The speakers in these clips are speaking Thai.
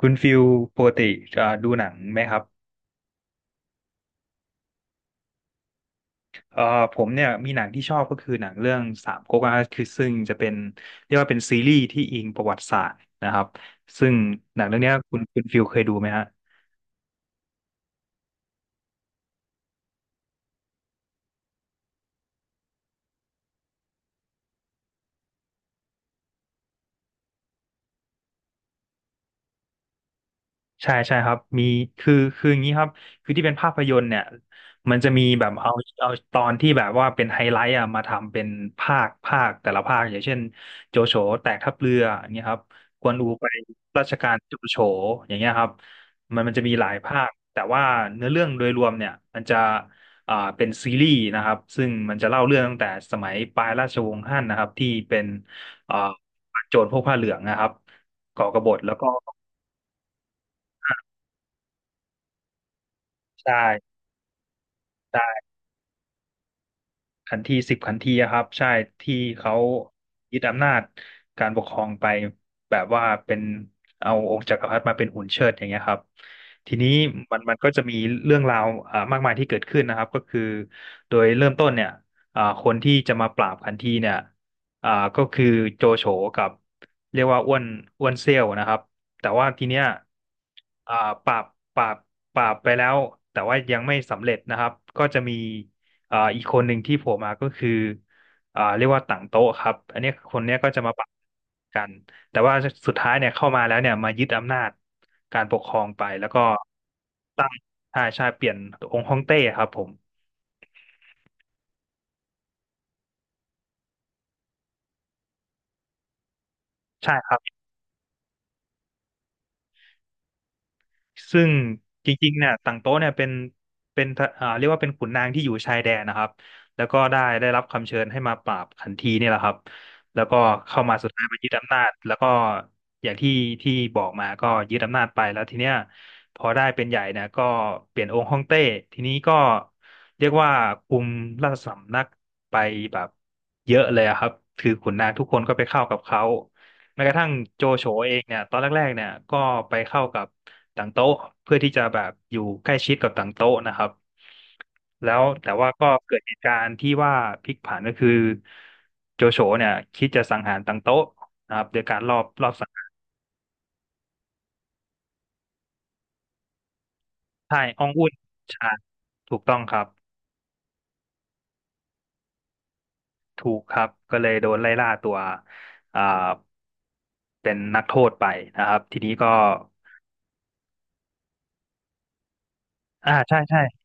คุณฟิลปกติดูหนังไหมครับเอ่อผมเนี่ยมีหนังที่ชอบก็คือหนังเรื่องสามก๊กนะครับคือซึ่งจะเป็นเรียกว่าเป็นซีรีส์ที่อิงประวัติศาสตร์นะครับซึ่งหนังเรื่องเนี้ยคุณฟิลเคยดูไหมฮะ ใช่ใช่ครับมีคืออย่างนี้ครับคือที่เป็นภาพยนตร์เนี่ยมันจะมีแบบเอาเอาตอนที่แบบว่าเป็นไฮไลท์อะมาทำเป็นภาคแต่ละภาคอย่างเช่นโจโฉแตกทัพเรืออย่างเงี้ยครับกวนอูไปราชการโจโฉอย่างเงี้ยครับมันจะมีหลายภาคแต่ว่าเนื้อเรื่องโดยรวมเนี่ยมันจะเป็นซีรีส์นะครับซึ่งมันจะเล่าเรื่องตั้งแต่สมัยปลายราชวงศ์ฮั่นนะครับที่เป็นอ่าโจรพวกผ้าเหลืองนะครับก่อกบฏแล้วก็ใช่ ขันทีสิบขันทีอะครับใช่ที่เขายึดอำนาจการปกครองไปแบบว่าเป็นเอาองค์จักรพรรดิมาเป็นหุ่นเชิดอย่างเงี้ยครับทีนี้มันก็จะมีเรื่องราวมากมายที่เกิดขึ้นนะครับก็คือโดยเริ่มต้นเนี่ยคนที่จะมาปราบขันทีเนี่ยอ่าก็คือโจโฉกับเรียกว่าอ้วนอ้วนเซี่ยวนะครับแต่ว่าทีเนี้ยอ่าปราบปราบปราบไปแล้วแต่ว่ายังไม่สำเร็จนะครับก็จะมี อีกคนหนึ่งที่โผล่มาก็คือเรียกว่าต่างโต๊ะครับอันเนี้ยคนเนี้ยก็จะมาปะกันแต่ว่าสุดท้ายเนี่ยเข้ามาแล้วเนี่ยมายึดอำนาจการปกครองไปแล้วก็ตั้งใช่ใช่เปลี่ยนองค์ฮ่องเต้ครับผมใช่ครับ ซึ่งจริงๆเนี่ยต่างโต๊ะเนี่ยเป็นเรียกว่าเป็นขุนนางที่อยู่ชายแดนนะครับแล้วก็ได้รับคำเชิญให้มาปราบขันทีนี่แหละครับแล้วก็เข้ามาสุดท้ายมายึดอำนาจแล้วก็อย่างที่ที่บอกมาก็ยึดอำนาจไปแล้วทีเนี้ยพอได้เป็นใหญ่เนี่ยก็เปลี่ยนองค์ฮ่องเต้ทีนี้ก็เรียกว่าคุมราชสำนักไปแบบเยอะเลยอะครับคือขุนนางทุกคนก็ไปเข้ากับเขา แม้กระทั่งโจโฉเองเนี่ยตอนแรกๆเนี่ยก็ไปเข้ากับต่างโต๊ะเพื่อที่จะแบบอยู่ใกล้ชิดกับต่างโต๊ะนะครับแล้วแต่ว่าก็เกิดเหตุการณ์ที่ว่าพลิกผันก็คือโจโฉเนี่ยคิดจะสังหารต่างโต๊ะนะครับโดยการรอบรอบสังหารใช่อ้องอุ่นใชาถูกต้องครับถูกครับก็เลยโดนไล่ล่าตัวอ่าเป็นนักโทษไปนะครับทีนี้ก็อ่าใช่ใช่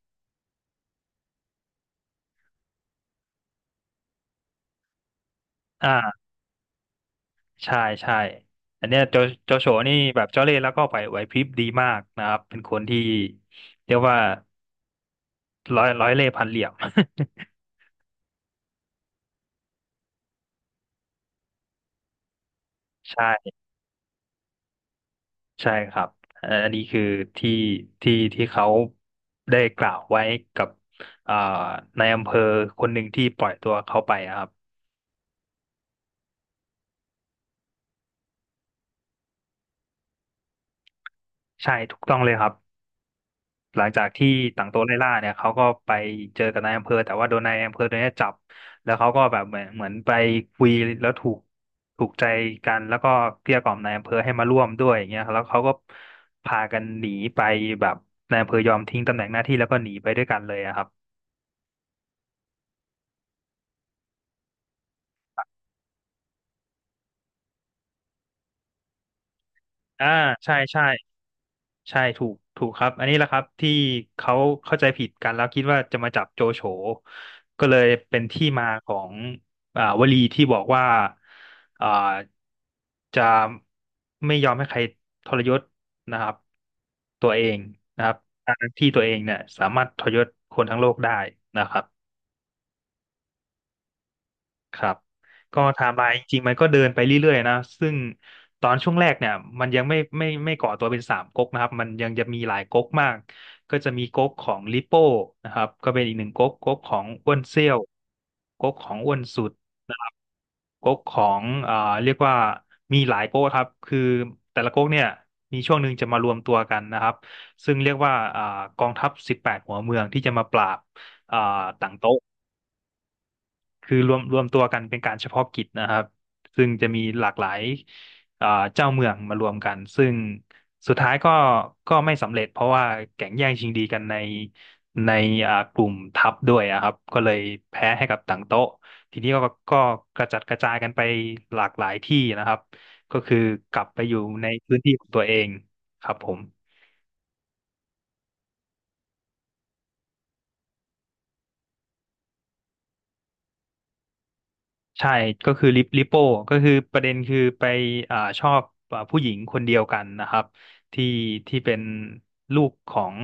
อ่า ใช่ใช่ อันเนี้ยโจโฉนี่แบบเจ้าเล่ห์แล้วก็ไหวพริบดีมากนะครับ เป็นคนที่เรียกว่าร้อยเล่ห์พันเหลี่ยม ใช่ใช่ครับอันนี้คือที่ที่เขาได้กล่าวไว้กับอ่าในายอำเภอคนหนึ่งที่ปล่อยตัวเขาไปอะครับ ใช่ถูกต้องเลยครับ หลังจากที่ต่างตัวไล่ล่าเนี่ยเขาก็ไปเจอกับนายอำเภอแต่ว่าโดนนายอำเภอตัวเนี้ยจับแล้วเขาก็แบบเหมือนไปคุยแล้วถูกใจกันแล้วก็เกลี้ยกล่อมนายอำเภอให้มาร่วมด้วยอย่างเงี้ยแล้วเขาก็พากันหนีไปแบบนายอำเภอยอมทิ้งตำแหน่งหน้าที่แล้วก็หนีไปด้วยกันเลยอะครับอ่าใช่ใช่ ใช่ถูกครับอันนี้แหละครับที่เขาเข้าใจผิดกันแล้วคิดว่าจะมาจับโจโฉก็เลยเป็นที่มาของวลีที่บอกว่าอ่าจะไม่ยอมให้ใครทรยศนะครับตัวเองนะครับทั้งที่ตัวเองเนี่ยสามารถทรยศคนทั้งโลกได้นะครับ ครับก็ไทม์ไลน์จริงๆมันก็เดินไปเรื่อยๆนะซึ่งตอนช่วงแรกเนี่ยมันยังไม่ไม่ก่อตัวเป็นสามก๊กนะครับมันยังจะมีหลายก๊กมากก็จะมีก๊กของลิโป้นะครับก็เป็นอีกหนึ่งก๊กก๊กของอ้วนเซี่ยวก๊กของอ้วนสุดก๊กของเรียกว่ามีหลายก๊กครับคือแต่ละก๊กเนี่ยมีช่วงหนึ่งจะมารวมตัวกันนะครับซึ่งเรียกว่ากองทัพ18หัวเมืองที่จะมาปราบอ่าต่างโต๊ คือรวมตัวกันเป็นการเฉพาะกิจนะครับซึ่งจะมีหลากหลายอ่าเจ้าเมืองมารวมกันซึ่งสุดท้ายก็ไม่สำเร็จเพราะว่าแก่งแย่งชิงดีกันในในกลุ่มทัพด้วยอะครับก็เลยแพ้ให้กับต่างโต๊ะทีนี้ก็ก็กระจัดกระจายกันไปหลากหลายที่นะครับก็คือกลับไปอยู่ในพื้นที่ของตัวเองครับผม ใช่ก็คือลิโป้ก็คือประเด็นคือไปชอบผู้หญิงคนเดียวกันนะครับที่เป็นลูกของ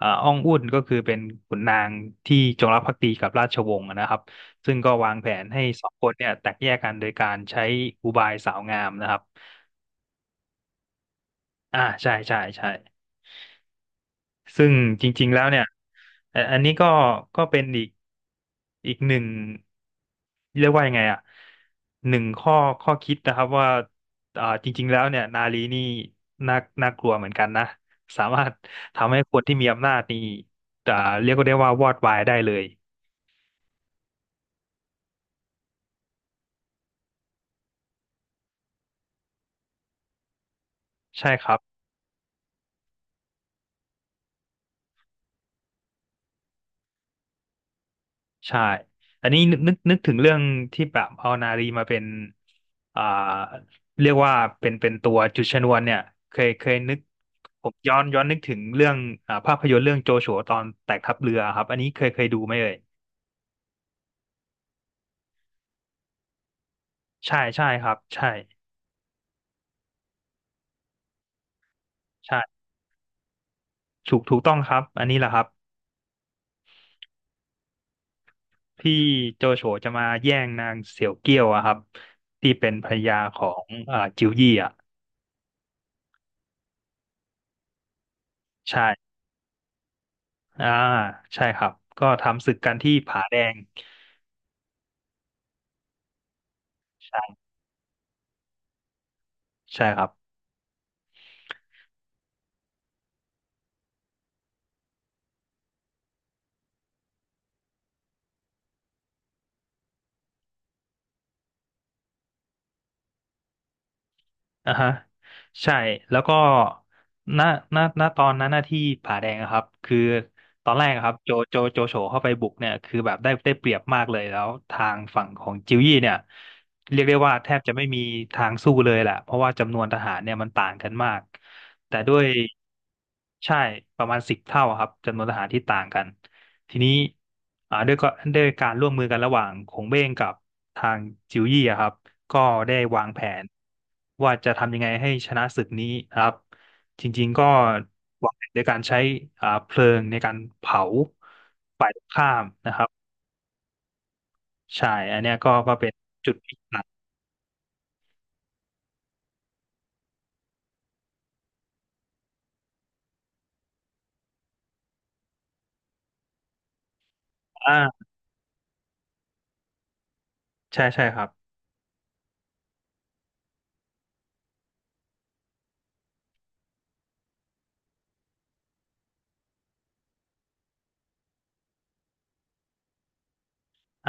อ้องอุ่นก็คือเป็นขุนนางที่จงรักภักดีกับราชวงศ์นะครับซึ่งก็วางแผนให้สองคนเนี่ยแตกแยกกันโดยการใช้อุบายสาวงามนะครับใช่ใช่ใช่ ซึ่งจริงๆแล้วเนี่ยอันนี้ก็เป็นอีกหนึ่งเรียกว่ายังไงอ่ะหนึ่งข้อคิดนะครับว่าจริงๆแล้วเนี่ยนารีนี่น่ากลัวเหมือนกันนะสามารถทำให้คนที่มีอำนาจนี่อ่าเรียกได้ว่าวอดวายได้เลยใช่ครับ ใช่ อันนี้นึกถึงเรื่องที่แบบเอานารีมาเป็นอ่าเรียกว่าเป็นตัวจุดชนวนเนี่ยเคยนึกผมย้อนนึกถึงเรื่องภาพยนตร์เรื่องโจชัวตอนแตกทัพเรือครับอันนี้เคยดูไหมเอ่ยใช่ใช่ครับใช่ใช่ถูกต้องครับอันนี้แหละครับที่โจโฉจะมาแย่งนางเสี่ยวเกี้ยวอะครับที่เป็นภรรยาของจิวยี่อ่ะใช่อ่าใช่ครับก็ทำศึกกันที่ผาแดงใช่ใช่ครับ อ่าฮะใช่แล้วก็ณณตอนนั้นหน้าที่ผาแดงอะครับคือตอนแรกอะครับโจโฉเข้าไปบุกเนี่ยคือแบบได้เปรียบมากเลยแล้วทางฝั่งของจิวยี่เนี่ยเรียกได้ว่าแทบจะไม่มีทางสู้เลยแหละเพราะว่าจำนวนทหารเนี่ยมันต่างกันมากแต่ด้วยใช่ประมาณสิบเท่าอะครับจำนวนทหารที่ต่างกัน ทีนี้อ่าด้วยก็ด้วยการร่วมมือกันระหว่างขงเบ้งกับทางจิวยี่อะครับก็ได้วางแผนว่าจะทำยังไงให้ชนะศึกนี้นะครับจริงๆก็วางแผนด้วยการใช้เพลิงในการเผาฝ่ายตรงข้ามนะครับใช่อันเนี้ยก็เป็นจุดพลิกผันอ่าใช่ใช่ครับ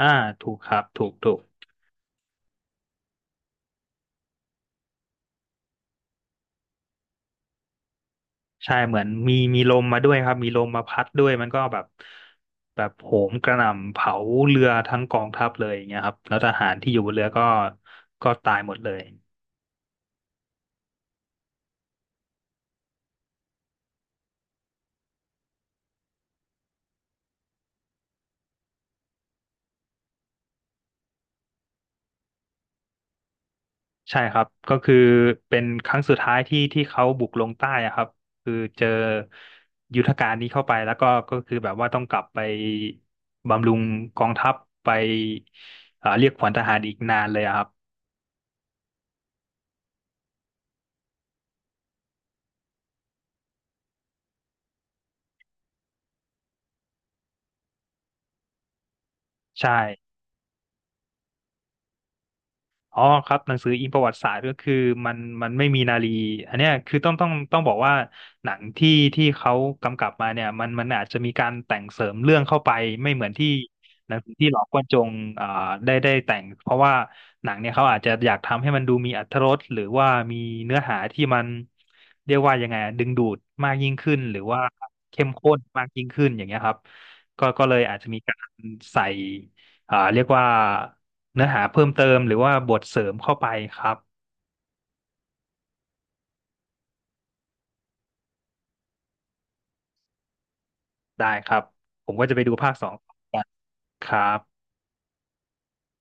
อ่าถูกครับถูก ใช่เหมือนมีลมมาด้วยครับมีลมมาพัดด้วยมันก็แบบโหมกระหน่ำเผาเรือทั้งกองทัพเลยอย่างเงี้ยครับแล้วทหารที่อยู่บนเรือก็ตายหมดเลยใช่ครับก็คือเป็นครั้งสุดท้ายที่เขาบุกลงใต้อะครับคือเจอยุทธการนี้เข้าไปแล้วก็ก็คือแบบว่าต้องกลับไปบำรุงกองทัพไปเรียกขวัญทหารอีกนานเลยอะครับใช่ อ๋อครับหนังสืออิงประวัติศาสตร์ก็คือมันมันไม่มีนารีอันเนี้ยคือต้องบอกว่าหนังที่เขากำกับมาเนี่ยมันอาจจะมีการแต่งเสริมเรื่องเข้าไปไม่เหมือนที่หนังสือที่หลอกกวนจงอ่าได้แต่งเพราะว่าหนังเนี่ยเขาอาจจะอยากทำให้มันดูมีอรรถรสหรือว่ามีเนื้อหาที่มันเรียกว่ายังไงอะดึงดูดมากยิ่งขึ้นหรือว่าเข้มข้นมากยิ่งขึ้นอย่างเงี้ยครับก็เลยอาจจะมีการใส่เรียกว่า เนื้อหาเพิ่มเติมหรือว่าบทเสริมเข้าไปครับได้ครับผมก็จะไปดูภาคสองครับ